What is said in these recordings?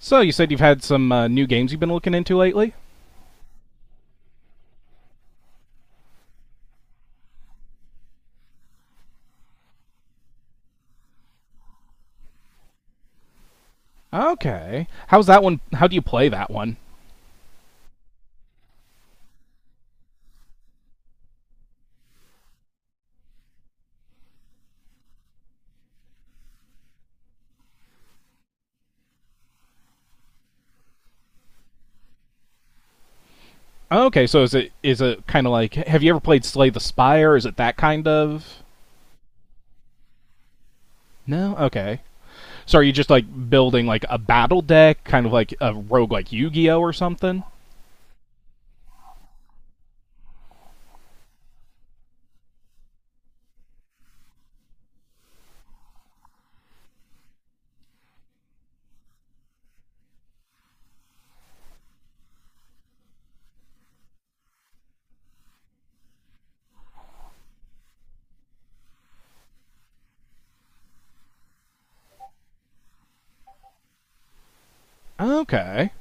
So you said you've had some new games you've been looking into lately. Okay, how's that one? How do you play that one? Okay, so is it kind of like, have you ever played Slay the Spire? Is it that kind of? No. Okay. So are you just like building like a battle deck, kind of like a rogue like Yu-Gi-Oh or something? Okay.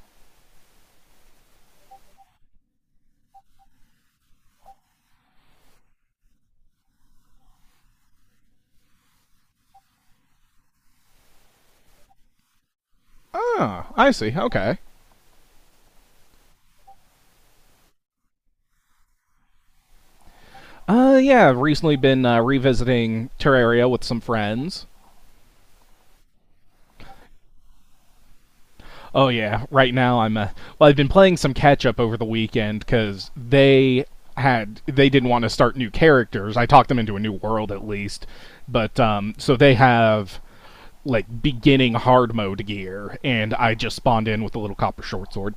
Ah, I see. Okay. Yeah, I've recently been revisiting Terraria with some friends. Oh yeah, right now I'm I've been playing some catch up over the weekend because they had they didn't want to start new characters. I talked them into a new world at least, but so they have like beginning hard mode gear, and I just spawned in with a little copper short sword.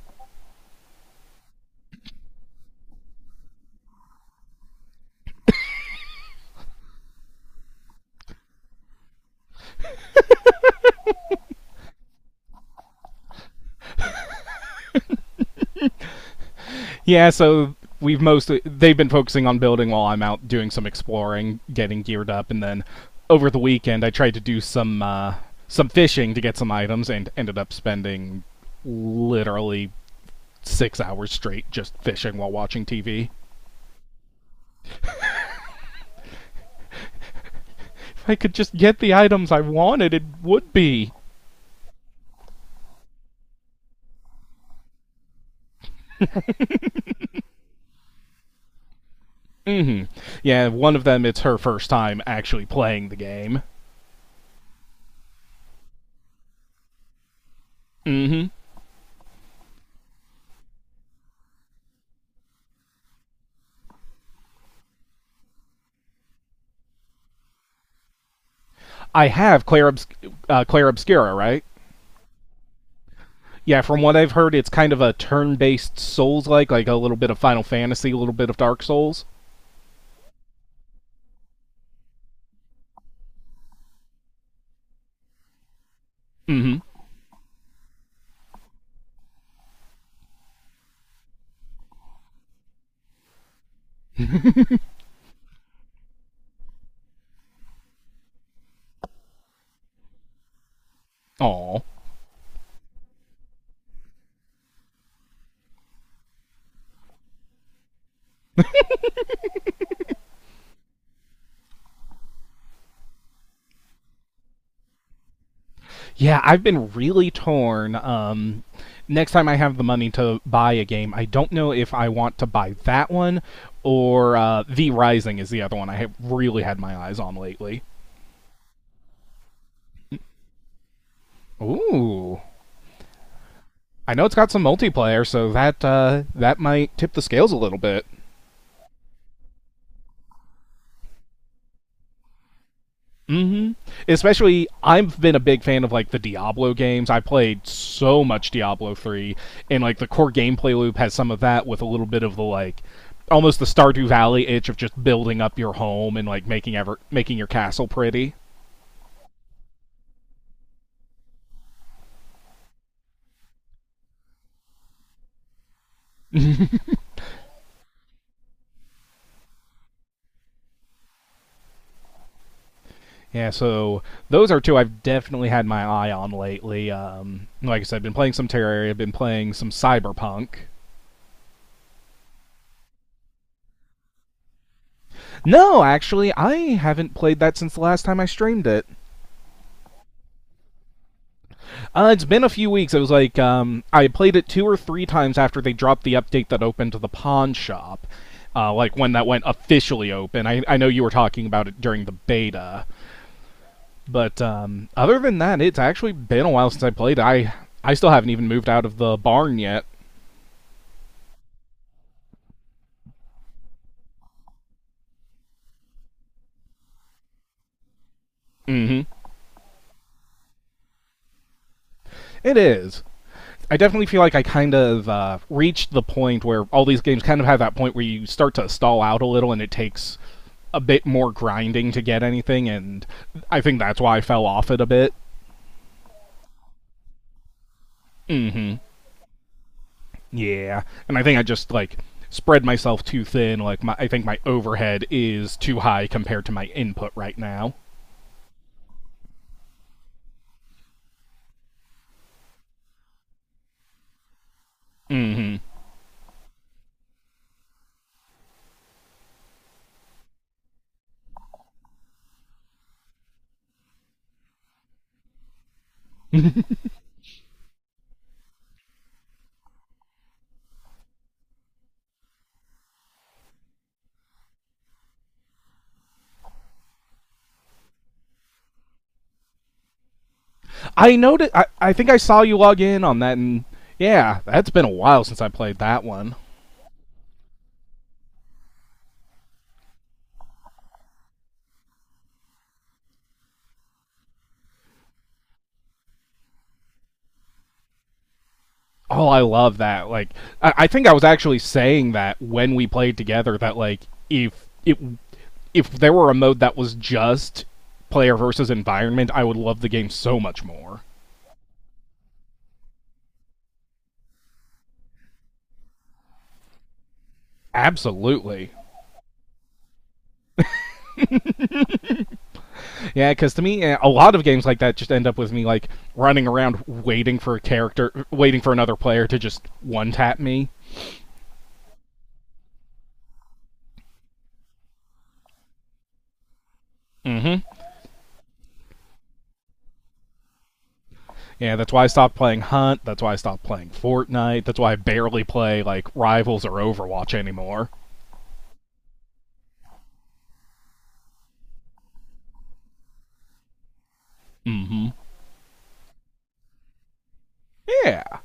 Yeah, so we've mostly they've been focusing on building while I'm out doing some exploring, getting geared up, and then over the weekend I tried to do some fishing to get some items and ended up spending literally 6 hours straight just fishing while watching TV. If I could just get the items I wanted, it would be. Yeah, one of them, it's her first time actually playing the game. Mm hmm. I have Claire Obscura, right? Yeah, from what I've heard, it's kind of a turn based Souls like a little bit of Final Fantasy, a little bit of Dark Souls. Mm hmm. Aw. Yeah, I've been really torn. Next time I have the money to buy a game, I don't know if I want to buy that one or The Rising is the other one I have really had my eyes on lately. Ooh, I know it's got some multiplayer, so that might tip the scales a little bit. Hmm Especially, I've been a big fan of like the Diablo games. I played so much Diablo three, and like the core gameplay loop has some of that with a little bit of the like almost the Stardew Valley itch of just building up your home and like making your castle pretty. Yeah, so those are two I've definitely had my eye on lately. Like I said, I've been playing some Terraria, I've been playing some Cyberpunk. No, actually, I haven't played that since the last time I streamed it. It's been a few weeks. It was like I played it two or three times after they dropped the update that opened to the pawn shop, like when that went officially open. I know you were talking about it during the beta, but other than that, it's actually been a while since I played it. I still haven't even moved out of the barn yet. Mm-hmm. It is. I definitely feel like I kind of reached the point where all these games kind of have that point where you start to stall out a little, and it takes a bit more grinding to get anything, and I think that's why I fell off it a bit. Hmm. Yeah. And I think I just, like, spread myself too thin. Like, I think my overhead is too high compared to my input right now. Hmm. I noticed, I think I saw you log in on that, and yeah, that's been a while since I played that one. Oh, I love that. Like, I think I was actually saying that when we played together. That like, if it if there were a mode that was just player versus environment, I would love the game so much more. Absolutely. Yeah, because to me, a lot of games like that just end up with me like running around waiting for waiting for another player to just one tap me. Hmm Yeah, that's why I stopped playing Hunt. That's why I stopped playing Fortnite. That's why I barely play like Rivals or Overwatch anymore. Hmm Yeah.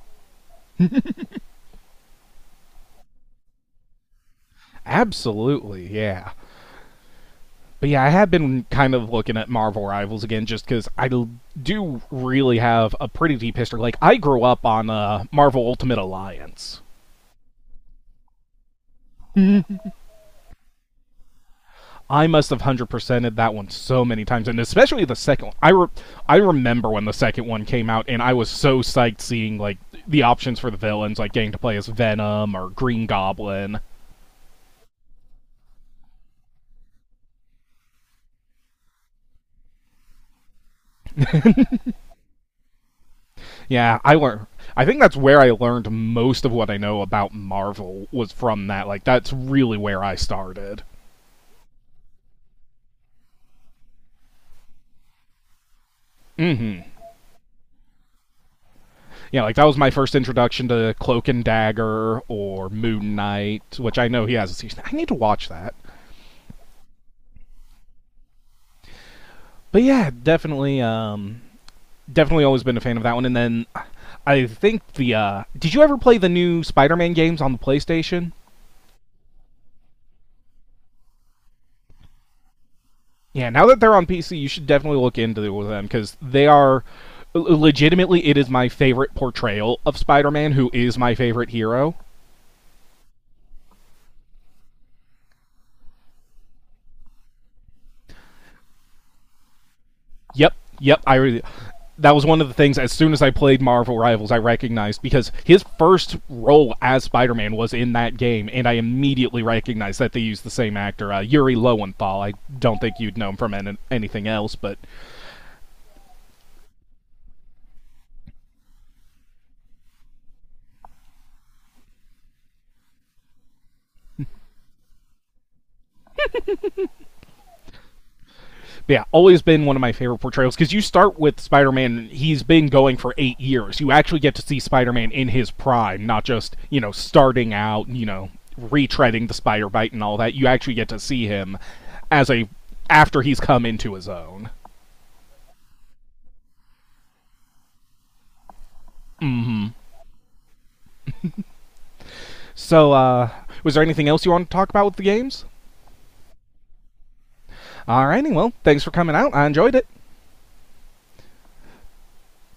Absolutely, yeah. But yeah, I have been kind of looking at Marvel Rivals again just because I do really have a pretty deep history. Like, I grew up on Marvel Ultimate Alliance. I must have 100%ed that one so many times, and especially the second one. I remember when the second one came out, and I was so psyched seeing, like, the options for the villains, like getting to play as Venom or Green Goblin. Yeah, I learned. I think that's where I learned most of what I know about Marvel was from that. Like, that's really where I started. Hmm Yeah, like that was my first introduction to Cloak and Dagger or Moon Knight, which I know he has a season. I need to watch that. But yeah, definitely, definitely always been a fan of that one. And then I think the did you ever play the new Spider-Man games on the PlayStation? Yeah, now that they're on PC, you should definitely look into them because they are legitimately, it is my favorite portrayal of Spider-Man, who is my favorite hero. Yep, yep. That was one of the things, as soon as I played Marvel Rivals, I recognized, because his first role as Spider-Man was in that game, and I immediately recognized that they used the same actor, Yuri Lowenthal. I don't think you'd know him from anything else, but yeah, always been one of my favorite portrayals because you start with Spider Man. He's been going for 8 years. You actually get to see Spider Man in his prime, not just, you know, starting out, you know, retreading the spider bite and all that. You actually get to see him as a. after he's come into his own. So, was there anything else you want to talk about with the games? Alrighty, well, thanks for coming out. I enjoyed it.